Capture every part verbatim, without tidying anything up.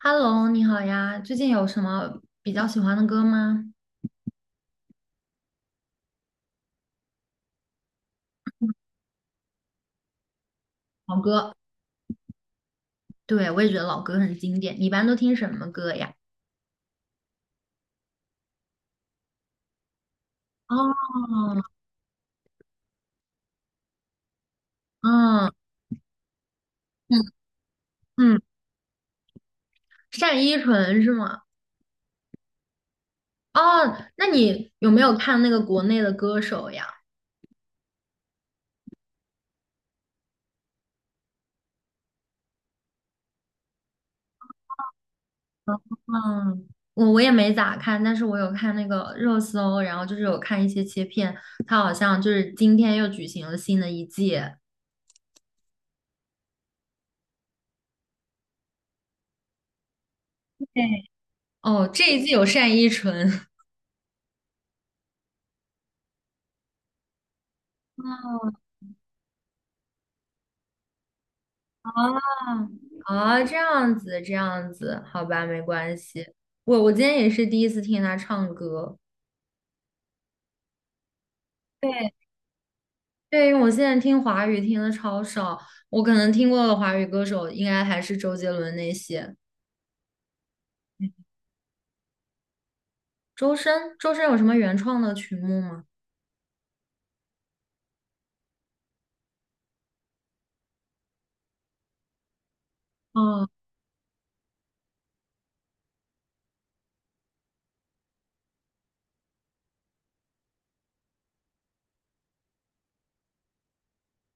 Hello，你好呀，最近有什么比较喜欢的歌吗？老歌，对，我也觉得老歌很经典。你一般都听什么歌呀？哦，嗯嗯，嗯，单依纯是吗？哦，那你有没有看那个国内的歌手呀？嗯，我我也没咋看，但是我有看那个热搜，然后就是有看一些切片，他好像就是今天又举行了新的一季。对，哦，这一季有单依纯。哦。啊，啊，这样子，这样子，好吧，没关系。我我今天也是第一次听他唱歌。对，对，因为我现在听华语听的超少，我可能听过的华语歌手应该还是周杰伦那些。周深，周深有什么原创的曲目吗？哦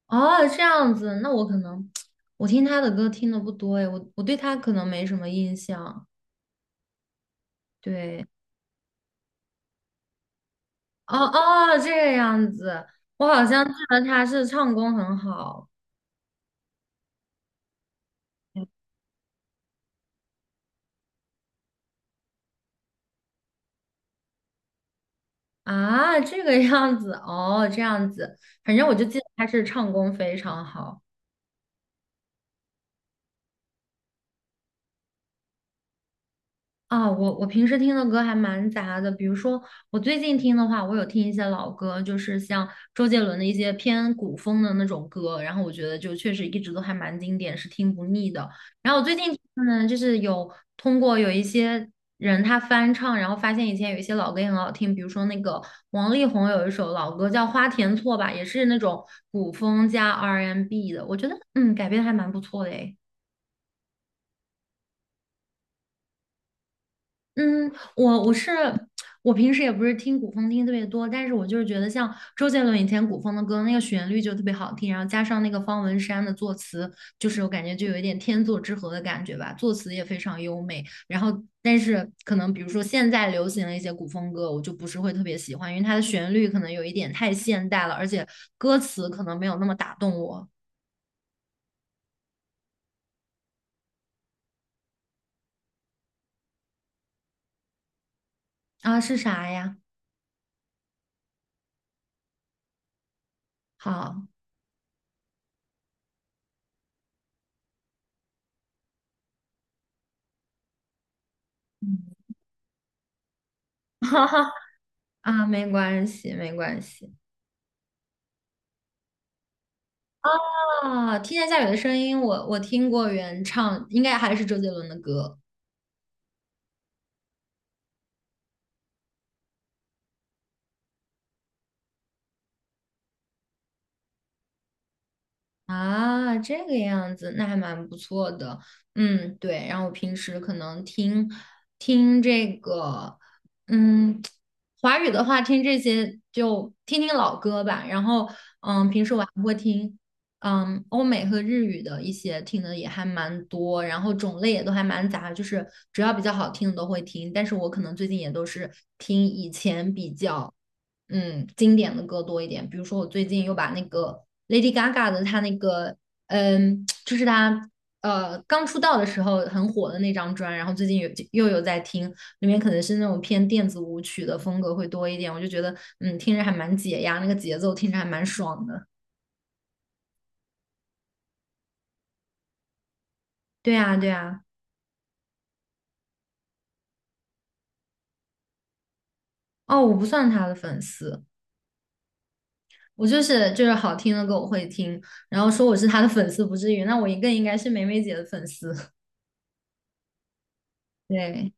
哦，这样子，那我可能 我听他的歌听的不多诶，我我对他可能没什么印象。对，哦哦，这个样子，我好像记得他是唱功很好。啊，这个样子哦，这样子，反正我就记得他是唱功非常好。啊，我我平时听的歌还蛮杂的，比如说我最近听的话，我有听一些老歌，就是像周杰伦的一些偏古风的那种歌，然后我觉得就确实一直都还蛮经典，是听不腻的。然后我最近听的呢，就是有通过有一些人他翻唱，然后发现以前有一些老歌也很好听，比如说那个王力宏有一首老歌叫《花田错》吧，也是那种古风加 R and B n 的，我觉得嗯改编得还蛮不错的诶。嗯，我我是我平时也不是听古风听特别多，但是我就是觉得像周杰伦以前古风的歌，那个旋律就特别好听，然后加上那个方文山的作词，就是我感觉就有一点天作之合的感觉吧，作词也非常优美。然后，但是可能比如说现在流行的一些古风歌，我就不是会特别喜欢，因为它的旋律可能有一点太现代了，而且歌词可能没有那么打动我啊，是啥呀？好，嗯，哈哈啊，没关系，没关系。啊！听见下雨的声音，我我听过原唱，应该还是周杰伦的歌。啊，这个样子，那还蛮不错的。嗯，对。然后我平时可能听听这个，嗯，华语的话听这些就听听老歌吧。然后，嗯，平时我还会听，嗯，欧美和日语的一些听的也还蛮多，然后种类也都还蛮杂，就是只要比较好听的都会听。但是我可能最近也都是听以前比较。嗯经典的歌多一点。比如说，我最近又把那个 Lady Gaga 的她那个嗯，就是她呃刚出道的时候很火的那张专，然后最近有又有在听，里面可能是那种偏电子舞曲的风格会多一点。我就觉得嗯，听着还蛮解压，那个节奏听着还蛮爽的。对啊，对啊。哦，我不算他的粉丝，我就是就是好听的歌我会听，然后说我是他的粉丝不至于，那我也更应该是梅梅姐的粉丝。对。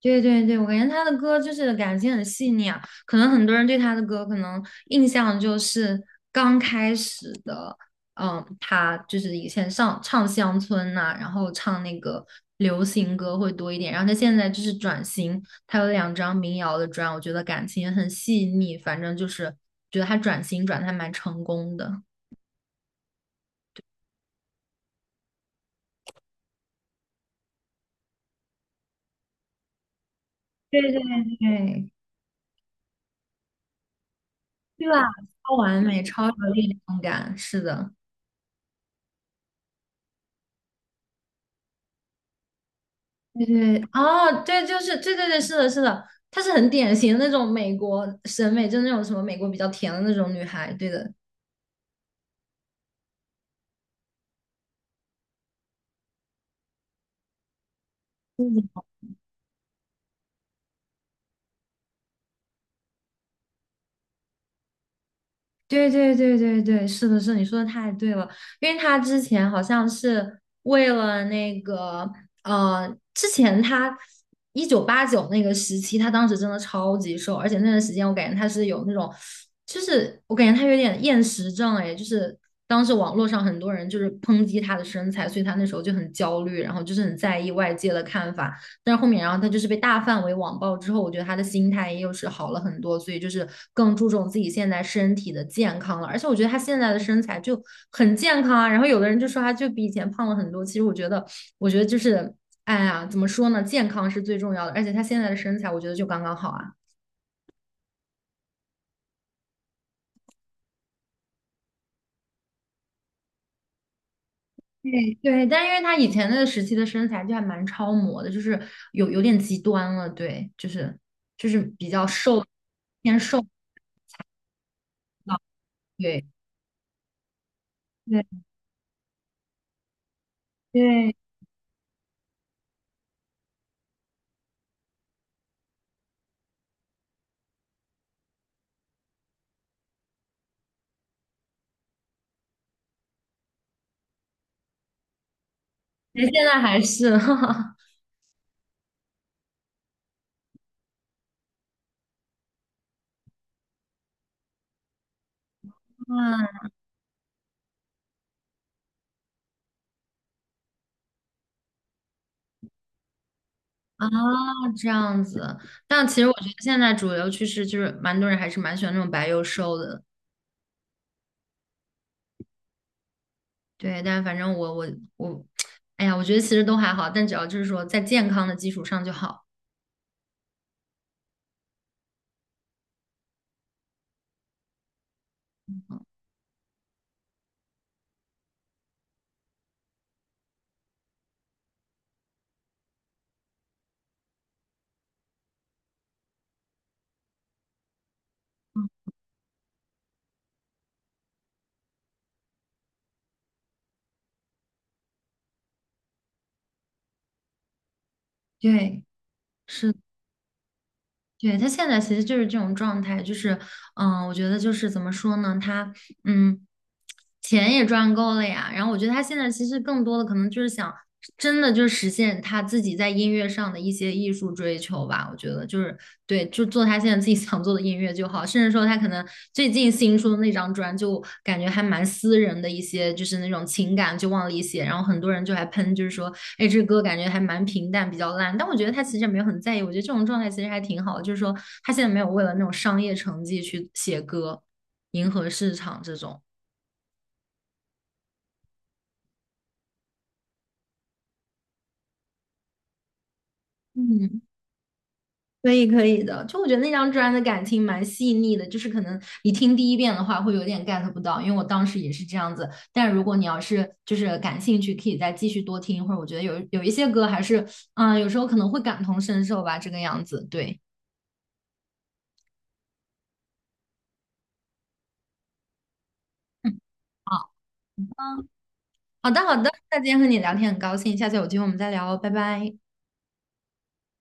对对对，我感觉他的歌就是感情很细腻啊，可能很多人对他的歌可能印象就是刚开始的，嗯，他就是以前上唱乡村呐、然后唱那个流行歌会多一点，然后他现在就是转型，他有两张民谣的专，我觉得感情也很细腻，反正就是觉得他转型转的还蛮成功的。对对对，对吧？超完美，超有力量感，是的。对对，哦，对，就是对对对，是的，是的，她是很典型的那种美国审美，就是那种什么美国比较甜的那种女孩，对的，对对对对对，是的，是的你说的太对了，因为他之前好像是为了那个，呃，之前他一九八九那个时期，他当时真的超级瘦，而且那段时间我感觉他是有那种，就是我感觉他有点厌食症，哎，就是当时网络上很多人就是抨击他的身材，所以他那时候就很焦虑，然后就是很在意外界的看法，但是后面，然后他就是被大范围网暴之后，我觉得他的心态又是好了很多，所以就是更注重自己现在身体的健康了。而且我觉得他现在的身材就很健康啊。然后有的人就说他就比以前胖了很多，其实我觉得，我觉得就是，哎呀，怎么说呢？健康是最重要的，而且他现在的身材，我觉得就刚刚好啊。对对，但因为他以前那个时期的身材就还蛮超模的，就是有有点极端了，对，就是就是比较瘦，偏瘦啊对对对。其实现在还是，哈哈，嗯啊，这样子。但其实我觉得现在主流趋势就是，蛮多人还是蛮喜欢那种白又瘦的。对，但反正我我我，哎呀，我觉得其实都还好，但只要就是说在健康的基础上就好。对，是，对，他现在其实就是这种状态，就是，嗯，我觉得就是怎么说呢，他。嗯，钱也赚够了呀。然后我觉得他现在其实更多的可能就是想，真的就是实现他自己在音乐上的一些艺术追求吧。我觉得就是对，就做他现在自己想做的音乐就好。甚至说他可能最近新出的那张专，就感觉还蛮私人的一些，就是那种情感就往里写。然后很多人就还喷，就是说，哎，这歌感觉还蛮平淡，比较烂。但我觉得他其实也没有很在意。我觉得这种状态其实还挺好的，就是说他现在没有为了那种商业成绩去写歌。迎合市场这种。嗯，可以可以的，就我觉得那张专辑的感情蛮细腻的，就是可能你听第一遍的话会有点 get 不到，因为我当时也是这样子。但如果你要是就是感兴趣，可以再继续多听一会儿。或者我觉得有有一些歌还是，嗯、呃有时候可能会感同身受吧，这个样子。对，嗯，好好的好的，那今天和你聊天很高兴，下次有机会我们再聊哦，拜拜。